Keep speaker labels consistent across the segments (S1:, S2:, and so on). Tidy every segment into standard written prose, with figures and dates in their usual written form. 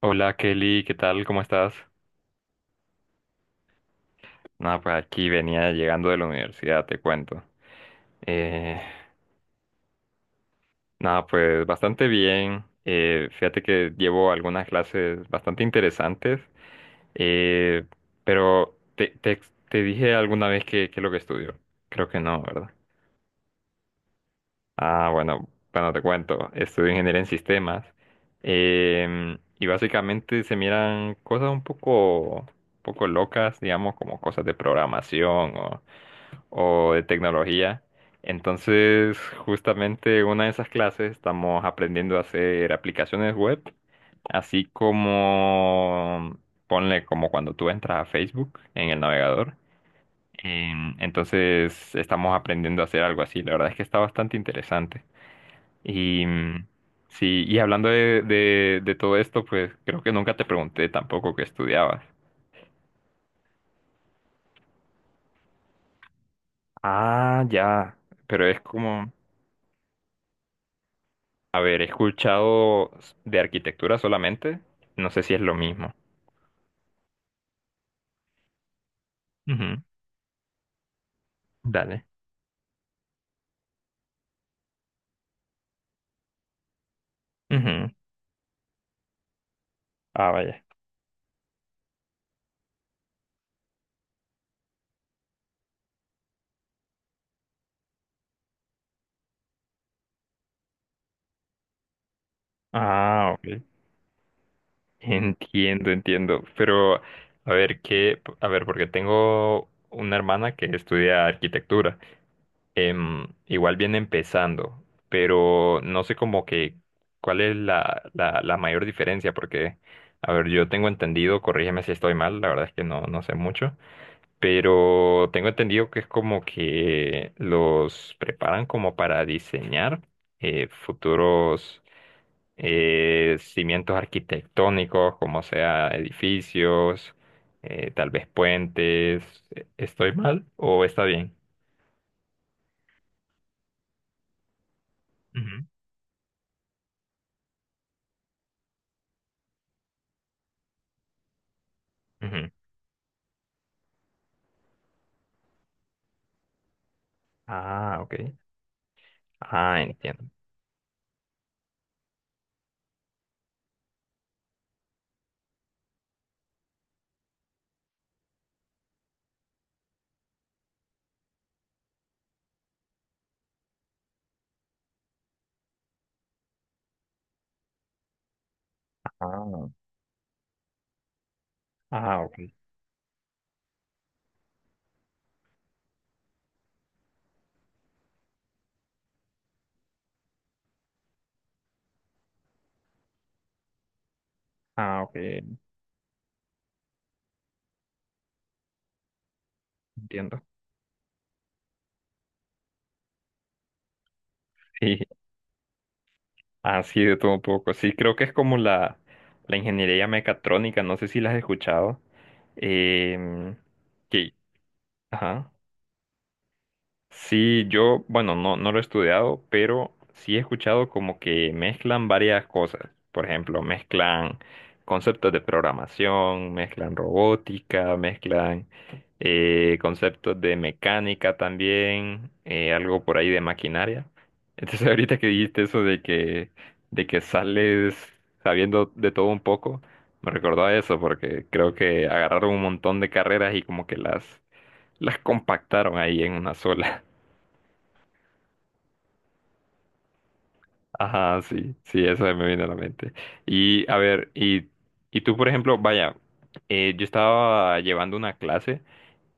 S1: Hola, Kelly, ¿qué tal? ¿Cómo estás? Nada, pues aquí venía llegando de la universidad, te cuento. Eh, Nada, pues bastante bien. Fíjate que llevo algunas clases bastante interesantes, eh, pero te dije alguna vez que es lo que estudio. Creo que no, ¿verdad? Ah, bueno, bueno, te cuento. Estudio ingeniería en sistemas. Y básicamente se miran cosas un poco locas, digamos, como cosas de programación o de tecnología. Entonces, justamente una de esas clases estamos aprendiendo a hacer aplicaciones web, así como, ponle como cuando tú entras a Facebook en el navegador. Entonces, estamos aprendiendo a hacer algo así. La verdad es que está bastante interesante. Y sí, y hablando de todo esto, pues creo que nunca te pregunté tampoco qué estudiabas. Ah, ya, pero es como... A ver, he escuchado de arquitectura solamente. No sé si es lo mismo. Ujú. Dale. Ujú. Ah, vaya. Ah, ok. Entiendo, entiendo. Pero, a ver, qué, a ver, porque tengo una hermana que estudia arquitectura. Em, igual viene empezando, pero no sé como que cuál es la mayor diferencia, porque, a ver, yo tengo entendido, corrígeme si estoy mal, la verdad es que no sé mucho. Pero tengo entendido que es como que los preparan como para diseñar, futuros, cimientos arquitectónicos, como sea edificios, tal vez puentes. ¿Estoy mal o está bien? Ujú, ujú. Ah, ok. Ah, entiendo. Ah, ah, ok. Ah, ok. Entiendo. Sí, así de todo un poco. Sí, creo que es como la ingeniería mecatrónica, no sé si la has escuchado. Em, que, ajá. Sí, yo, bueno, no lo he estudiado, pero sí he escuchado como que mezclan varias cosas. Por ejemplo, mezclan conceptos de programación, mezclan robótica, mezclan, conceptos de mecánica también, algo por ahí de maquinaria. Entonces, ahorita que dijiste eso de que sales sabiendo de todo un poco, me recordó a eso porque creo que agarraron un montón de carreras y como que las compactaron ahí en una sola. Ajá, sí, sí, eso me viene a la mente. Y a ver, y tú, por ejemplo, vaya, yo estaba llevando una clase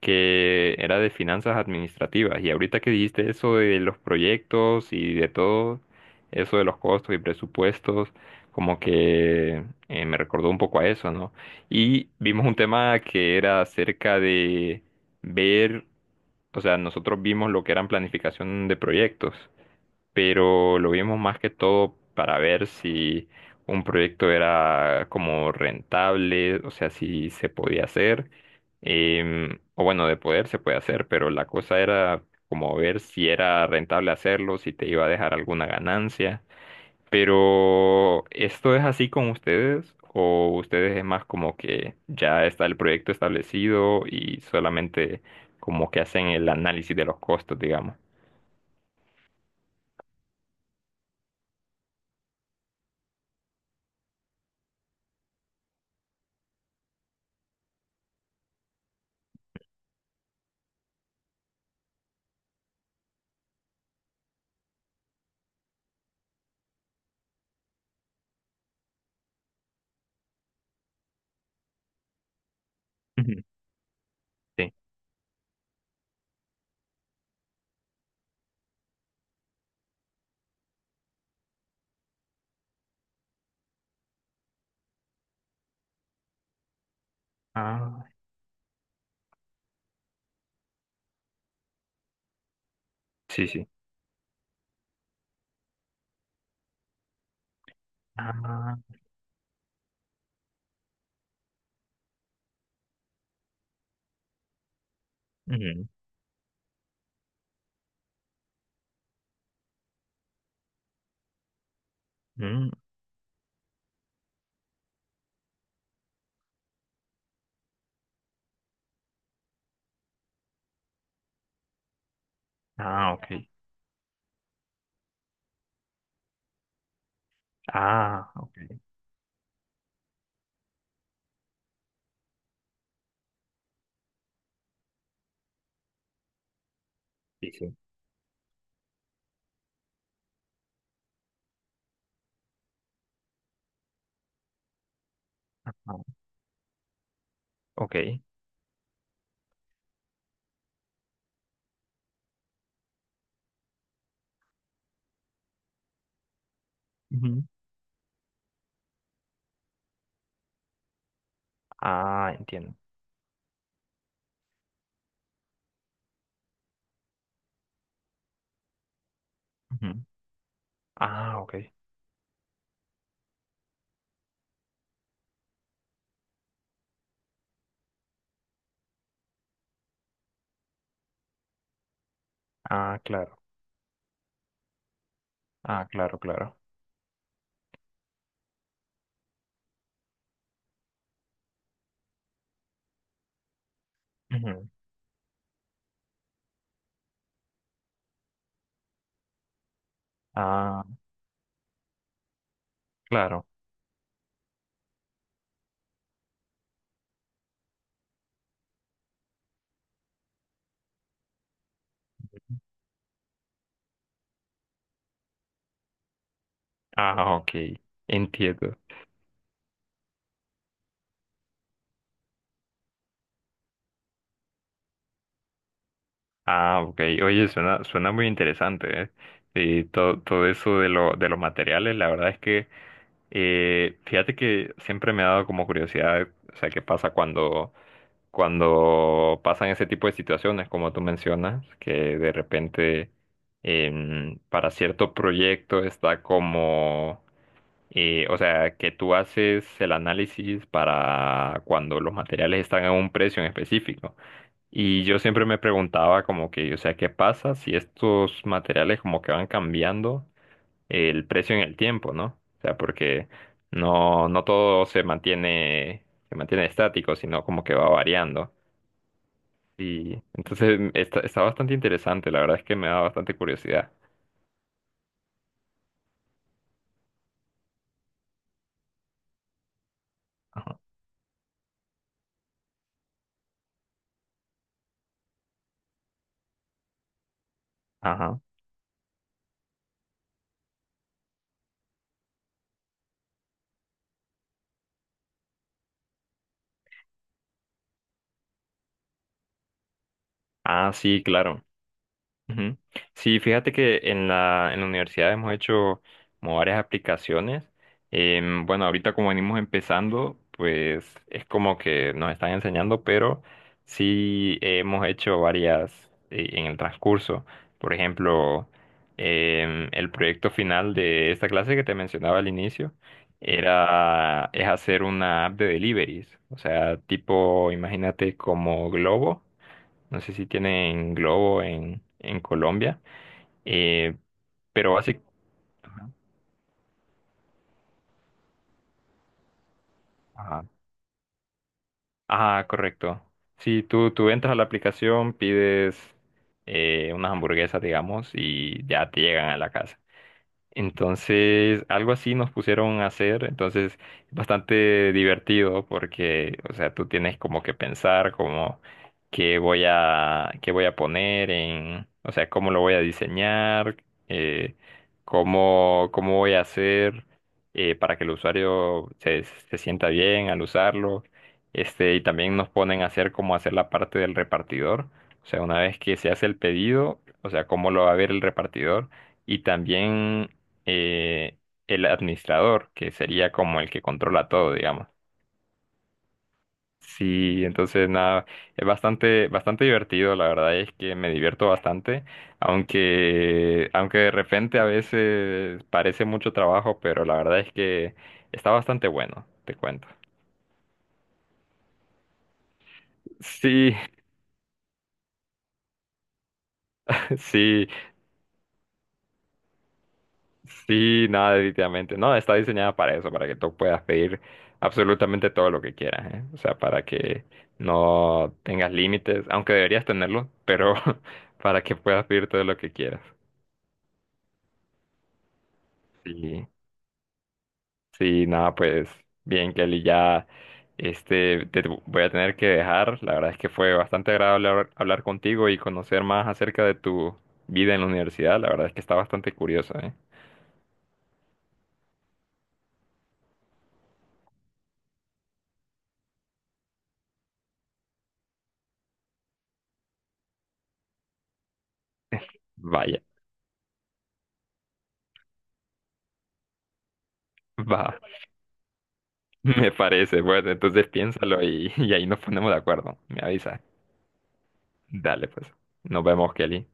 S1: que era de finanzas administrativas y ahorita que dijiste eso de los proyectos y de todo, eso de los costos y presupuestos, como que, me recordó un poco a eso, ¿no? Y vimos un tema que era acerca de ver, o sea, nosotros vimos lo que eran planificación de proyectos, pero lo vimos más que todo para ver si un proyecto era como rentable, o sea, si se podía hacer, o bueno, de poder se puede hacer, pero la cosa era como ver si era rentable hacerlo, si te iba a dejar alguna ganancia. Pero ¿esto es así con ustedes? ¿O ustedes es más como que ya está el proyecto establecido y solamente como que hacen el análisis de los costos, digamos? Ujú. Sí. Ah, sí, sí. Ah, ujú, ujú. Ah, ok. Ah, ok. Sí, sí. Ah, ok. Ujú. Ah, entiendo. Ujú. Ah, ok. Ah, claro. Ah, claro, claro. Ujú. Ah, claro. Ah, ok. Entiendo. Ah, ok. Oye, suena, suena muy interesante, ¿eh? Sí, todo, todo eso de lo, de los materiales, la verdad es que, fíjate que siempre me ha dado como curiosidad, o sea, qué pasa cuando cuando pasan ese tipo de situaciones, como tú mencionas, que de repente, para cierto proyecto está como, o sea, que tú haces el análisis para cuando los materiales están a un precio en específico. Y yo siempre me preguntaba como que, o sea, ¿qué pasa si estos materiales como que van cambiando el precio en el tiempo, ¿no? O sea, porque no todo se mantiene estático, sino como que va variando. Y entonces está, está bastante interesante, la verdad es que me da bastante curiosidad. Ajá. Ajá. Ah, sí, claro. Ujú. Sí, fíjate que en en la universidad hemos hecho como varias aplicaciones. Em, bueno, ahorita como venimos empezando, pues es como que nos están enseñando, pero sí hemos hecho varias, en el transcurso. Por ejemplo, el proyecto final de esta clase que te mencionaba al inicio es hacer una app de deliveries. O sea, tipo, imagínate como Globo, no sé si tiene en Globo en Colombia. eh, pero básicamente... Ajá. Ah, correcto. Sí, tú entras a la aplicación, pides, unas hamburguesas, digamos, y ya te llegan a la casa. Entonces, algo así nos pusieron a hacer, entonces bastante divertido porque, o sea, tú tienes como que pensar como qué voy a poner en, o sea, cómo lo voy a diseñar, eh, cómo cómo voy a hacer, para que el usuario se sienta bien al usarlo. Este, y también nos ponen a hacer como hacer la parte del repartidor, o sea, una vez que se hace el pedido, o sea, cómo lo va a ver el repartidor. Y también, eh, el administrador, que sería como el que controla todo, digamos. Sí, entonces nada, es bastante, bastante divertido, la verdad es que me divierto bastante, aunque, aunque de repente a veces parece mucho trabajo, pero la verdad es que está bastante bueno, te cuento. Sí, sí, sí, no, definitivamente. No, está diseñada para eso, para que tú puedas pedir absolutamente todo lo que quieras, ¿eh? O sea, para que no tengas límites, aunque deberías tenerlo, pero para que puedas pedir todo lo que quieras. Sí, sí, nada, pues bien, Kelly, ya este, te voy a tener que dejar. La verdad es que fue bastante agradable hablar, hablar contigo y conocer más acerca de tu vida en la universidad. La verdad es que está bastante curioso, ¿eh? Vaya, va. Me parece, pues entonces piénsalo y, y ahí nos ponemos de acuerdo. Me avisa. Dale, pues. Nos vemos, Kelly.